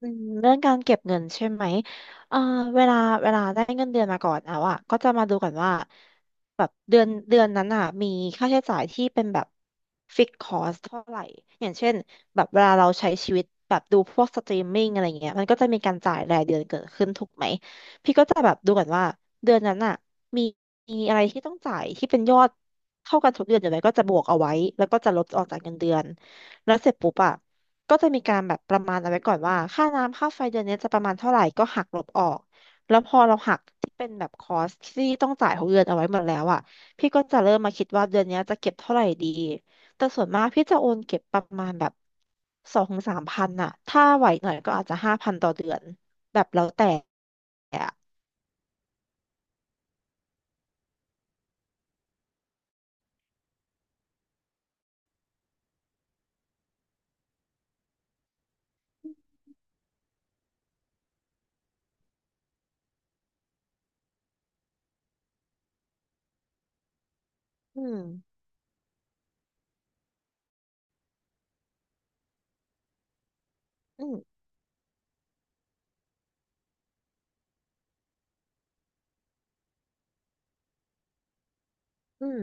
อืมเรื่องการเก็บเงินใช่ไหมเอ่อเวลาเวลาได้เงินเดือนมาก่อนแล้วอ่ะก็จะมาดูก่อนว่าแบบเดือนนั้นอ่ะมีค่าใช้จ่ายที่เป็นแบบฟิกคอสเท่าไหร่อย่างเช่นแบบเวลาเราใช้ชีวิตแบบดูพวกสตรีมมิ่งอะไรเงี้ยมันก็จะมีการจ่ายรายเดือนเกิดขึ้นถูกไหมพี่ก็จะแบบดูก่อนว่าเดือนนั้นอ่ะมีมีอะไรที่ต้องจ่ายที่เป็นยอดเท่ากันทุกเดือนอยู่ไหมก็จะบวกเอาไว้แล้วก็จะลบออกจากเงินเดือนแล้วเสร็จปุ๊บอะ ก็จะมีการแบบประมาณเอาไว้ก่อนว่าค่าน้ำค่าไฟเดือนนี้จะประมาณเท่าไหร่ก็หักลบออกแล้วพอเราหักที่เป็นแบบคอสที่ต้องจ่ายของเดือนเอาไว้หมดแล้วอ่ะพี่ก็จะเริ่มมาคิดว่าเดือนนี้จะเก็บเท่าไหร่ดีแต่ส่วนมากพี่จะโอนเก็บประมาณแบบสองถึงสามพันอ่ะถ้าไหวหน่อยก็อาจจะห้าพันต่อเดือนแบบแล้วแต่อะอืมอืมอืม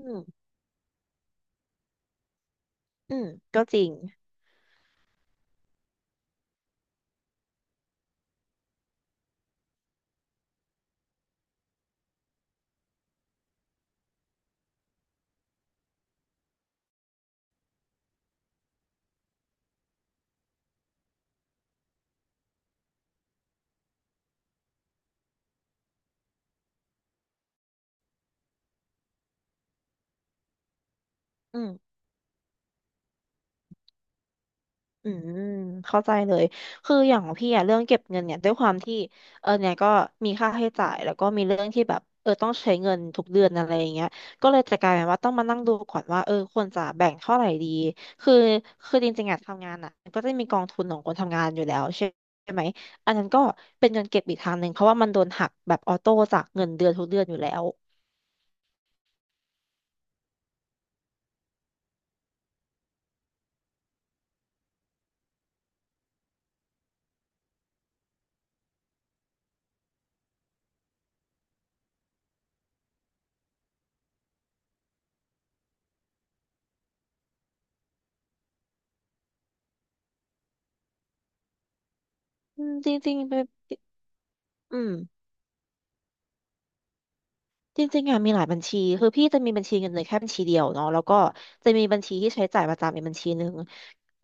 อืมอืมก็จริงอืม อืมเข้าใจเลยคืออย่างของพี่อะเรื่องเก็บเงินเนี่ยด้วยความที่เออเนี่ยก็มีค่าใช้จ่ายแล้วก็มีเรื่องที่แบบเออต้องใช้เงินทุกเดือนอะไรอย่างเงี้ยก็เลยจะกลายเป็นว่าต้องมานั่งดูก่อนว่าเออควรจะแบ่งเท่าไหร่ดีคือคือจริงๆอะทำงานอะก็จะมีกองทุนของคนทำงานอยู่แล้วใช่ไหมอันนั้นก็เป็นเงินเก็บอีกทางหนึ่งเพราะว่ามันโดนหักแบบออโต้จากเงินเดือนทุกเดือนอยู่แล้วอืมจริงๆเป็นอืม จริงๆอะมีหลายบัญชีคือพี่จะมีบัญชีเงินเดือนแค่บัญชีเดียวเนาะแล้วก็จะมีบัญชีที่ใช้จ่ายประจำอีกบัญชีหนึ่ง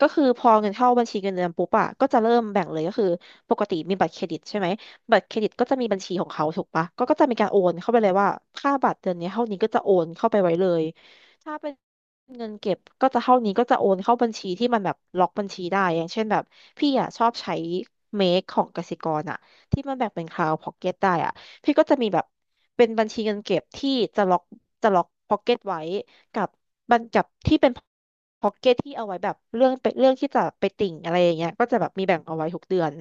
ก็คือพอเงินเข้าบัญชีเงินเดือนปุ๊บอะก็จะเริ่มแบ่งเลยก็คือปกติมีบัตรเครดิตใช่ไหมบัตรเครดิตก็จะมีบัญชีของเขาถูกปะก็จะมีการโอนเข้าไปเลยว่าค่าบัตรเดือนนี้เท่านี้ก็จะโอนเข้าไปไว้เลยถ้าเป็นเงินเก็บก็จะเท่านี้ก็จะโอนเข้าบัญชีที่มันแบบล็อกบัญชีได้อย่างเช่นแบบพี่อะชอบใช้เมคของกสิกรอะที่มันแบ่งเป็นคลาวพ็อกเก็ตได้อะ พี่ก็จะมีแบบเป็นบัญชีเงินเก็บที่จะล็อกจะล็อกพ็อกเก็ตไว้กับบัญกับที่เป็นพ็อกเก็ตที่เอาไว้แบบเรื่องที่จะไปติ่งอะไรอย่างเงี้ยก็จะแบบมีแบ่งเอาไว้ทุกเดือน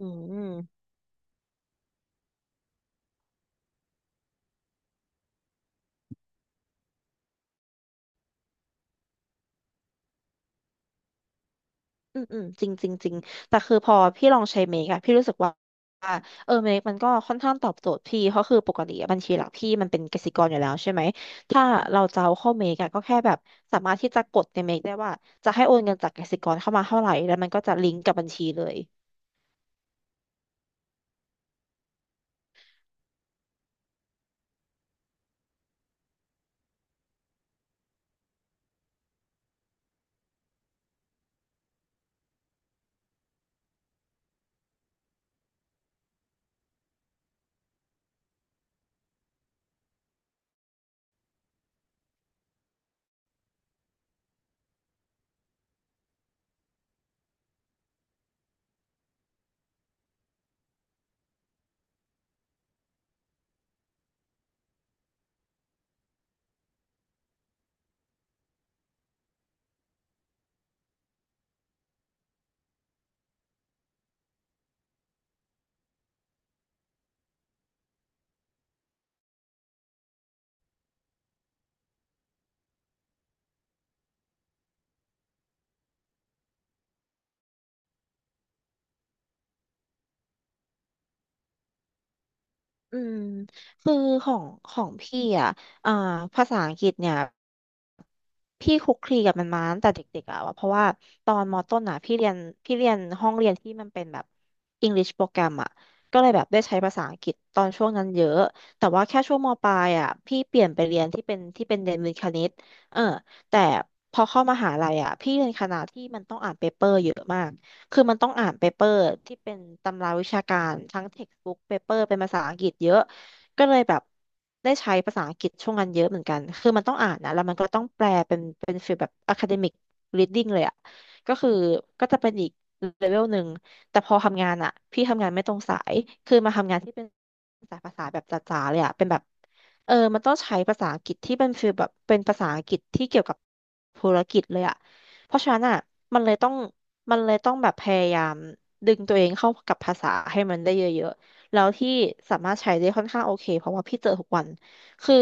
อืมอืมอืมจริงจริงจริงแต่คือพอพี่ลองใช้เมกอะพี่รู้สึกว่าเออเมกมันก็ค่อนข้างตอบโจทย์พี่เพราะคือปกติอะบัญชีหลักพี่มันเป็นกสิกรอยู่แล้วใช่ไหมถ้าเราจะเอาเข้าเมกอะก็แค่แบบสามารถที่จะกดในเมกได้ว่าจะให้โอนเงินจากกสิกรเข้ามาเท่าไหร่แล้วมันก็จะลิงก์กับบัญชีเลย อืมคือของพี่อ่ะอ่าภาษาอังกฤษเนี่ยพี่คลุกคลีกับมันมาตั้งแต่เด็กๆอ่ะเพราะว่าตอนมต้นอ่ะพี่เรียนห้องเรียนที่มันเป็นแบบ English โปรแกรมอ่ะก็เลยแบบได้ใช้ภาษาอังกฤษตอนช่วงนั้นเยอะแต่ว่าแค่ช่วงมปลายอ่ะพี่เปลี่ยนไปเรียนที่เป็นเรียนวิทย์คณิตเออแต่พอเข้ามหาลัยอ่ะพี่เรียนคณะที่มันต้องอ่านเปเปอร์เยอะมาก คือมันต้องอ่านเปเปอร์ที่เป็นตำราวิชาการทั้งเท็กซ์บุ๊กเปเปอร์เป็นภาษาอังกฤษเยอะก็เลยแบบได้ใช้ภาษาอังกฤษช่วงนั้นเยอะเหมือนกันคือมันต้องอ่านนะแล้วมันก็ต้องแปลเป็นฟีลแบบ academic reading เลยอะก็คือก็จะเป็นอีกเลเวลหนึ่งแต่พอทำงานอะพี่ทำงานไม่ตรงสายคือมาทำงานที่เป็นสายภาษาแบบจ๋าๆเลยอะเป็นแบบเออมันต้องใช้ภาษาอังกฤษที่เป็นฟีลแบบเป็นภาษาอังกฤษที่เกี่ยวกับธุรกิจเลยอะ เพราะฉะนั้นอ่ะมันเลยต้องมันเลยต้องแบบพยายามดึงตัวเองเข้ากับภาษาให้มันได้เยอะๆแล้วที่สามารถใช้ได้ค่อนข้างโอเคเพราะว่าพี่เจอทุกวันคือ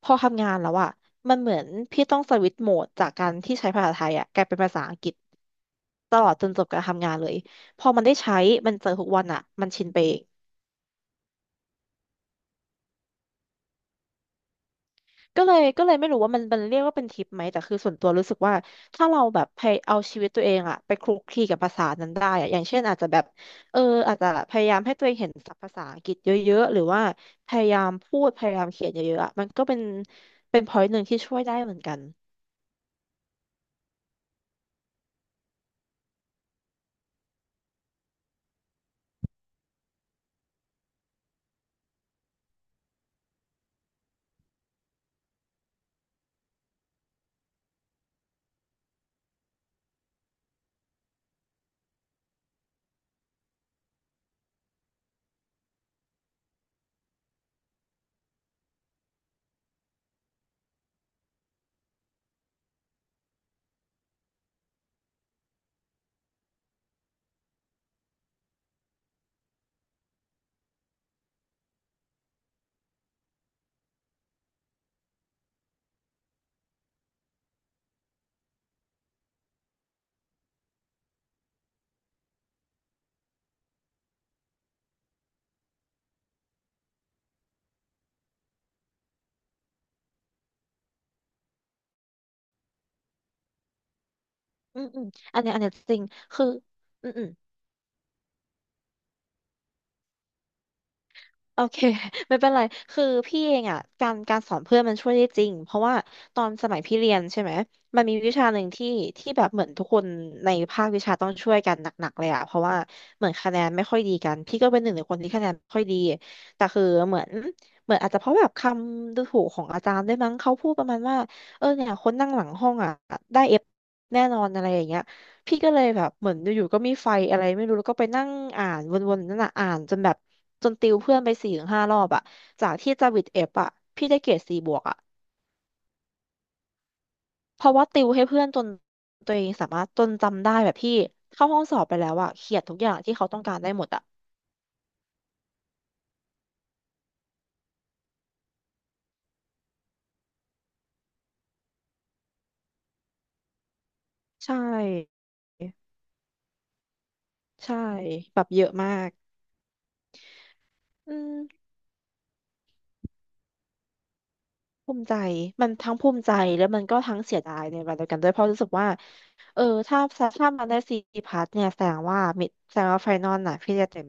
พอทำงานแล้วอ่ะมันเหมือนพี่ต้องสวิตช์โหมดจากการที่ใช้ภาษาไทยอ่ะกลายเป็นภาษาอังกฤษตลอดจนจบการทำงานเลยพอมันได้ใช้มันเจอทุกวันอ่ะมันชินไป ก็เลยไม่รู้ว่ามันเรียกว่าเป็นทิปไหมแต่คือส่วนตัวรู้สึกว่าถ้าเราแบบพยเอาชีวิตตัวเองอะไปคลุกคลีกับภาษานั้นได้อะอย่างเช่นอาจจะแบบเอออาจจะพยายามให้ตัวเองเห็นศัพท์ภาษาอังกฤษเยอะๆหรือว่าพยายามพูดพยายามเขียนเยอะๆอะมันก็เป็น p อย n ์หนึ่งที่ช่วยได้เหมือนกันอืมอืมอันเนี้ยจริงคืออืมอืม โอเค ไม่เป็นไรคือพี่เองอ่ะการสอนเพื่อนมันช่วยได้จริงเพราะว่าตอนสมัยพี่เรียนใช่ไหมมันมีวิชาหนึ่งที่ที่แบบเหมือนทุกคนในภาควิชาต้องช่วยกันหนักๆเลยอ่ะเพราะว่าเหมือนคะแนนไม่ค่อยดีกันพี่ก็เป็นหนึ่งในคนที่คะแนนไม่ค่อยดีแต่คือเหมือนอาจจะเพราะแบบคำดูถูกของอาจารย์ได้วยมั้งเขาพูดประมาณว่าเนี่ยคนนั่งหลังห้องอ่ะได้เอฟแน่นอนอะไรอย่างเงี้ย พี่ก็เลยแบบเหมือนอยู่ๆก็มีไฟอะไรไม่รู้แล้วก็ไปนั่งอ่านวนๆนั่นน่ะอ่านจนแบบจนติวเพื่อนไป4-5 รอบอะจากที่จะวิดเอฟอะพี่ได้เกรด 4+อะเพราะว่าติวให้เพื่อนจนตัวเองสามารถจนจำได้แบบพี่เข้าห้องสอบไปแล้วอะเขียนทุกอย่างที่เขาต้องการได้หมดอะใช่ใช่แบบเยอะมากอืม ภูมิใจมันทั้งภูมิใจแล้วมันก็ทั้งเสียดายในเวลาเดียวกันด้วยเพราะรู้สึกว่าเออถ้าถ้ามันได้ซีพัทเนี่ยแสดงว่ามิดแสดงว่าไฟนอลน่ะพี่จะเต็ม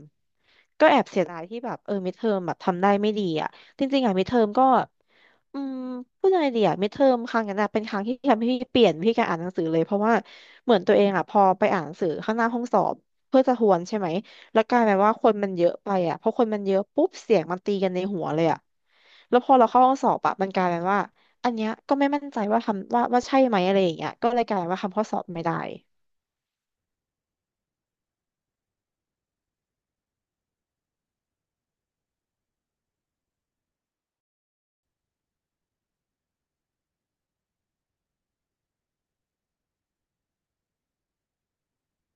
ก็แอบเสียดายที่แบบมิดเทอมแบบทำได้ไม่ดีอ่ะจริงๆอ่ะมิดเทอมก็อืมพูดยังไงดีอ่ะมิดเทอมครั้งนั้นน่ะเป็นครั้งที่ทำให้พี่เปลี่ยนการอ่านหนังสือเลยเพราะว่าเหมือนตัวเองอ่ะพอไปอ่านหนังสือข้างหน้าห้องสอบเพื่อจะทวนใช่ไหม แล้วกลายเป็นว่าคนมันเยอะไปอ่ะเพราะคนมันเยอะปุ๊บเสียงมันตีกันในหัวเลยอ่ะแล้วพอเราเข้าห้องสอบอะมันกลายเป็นว่าอันเนี้ยก็ไม่มั่นใจว่าทำว่าใช่ไหมอะไรอย่างเงี้ยก็เลยกลายเป็นว่าทำข้อสอบไม่ได้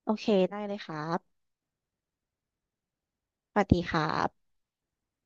โอเคได้เลยครับสวัสดีครับ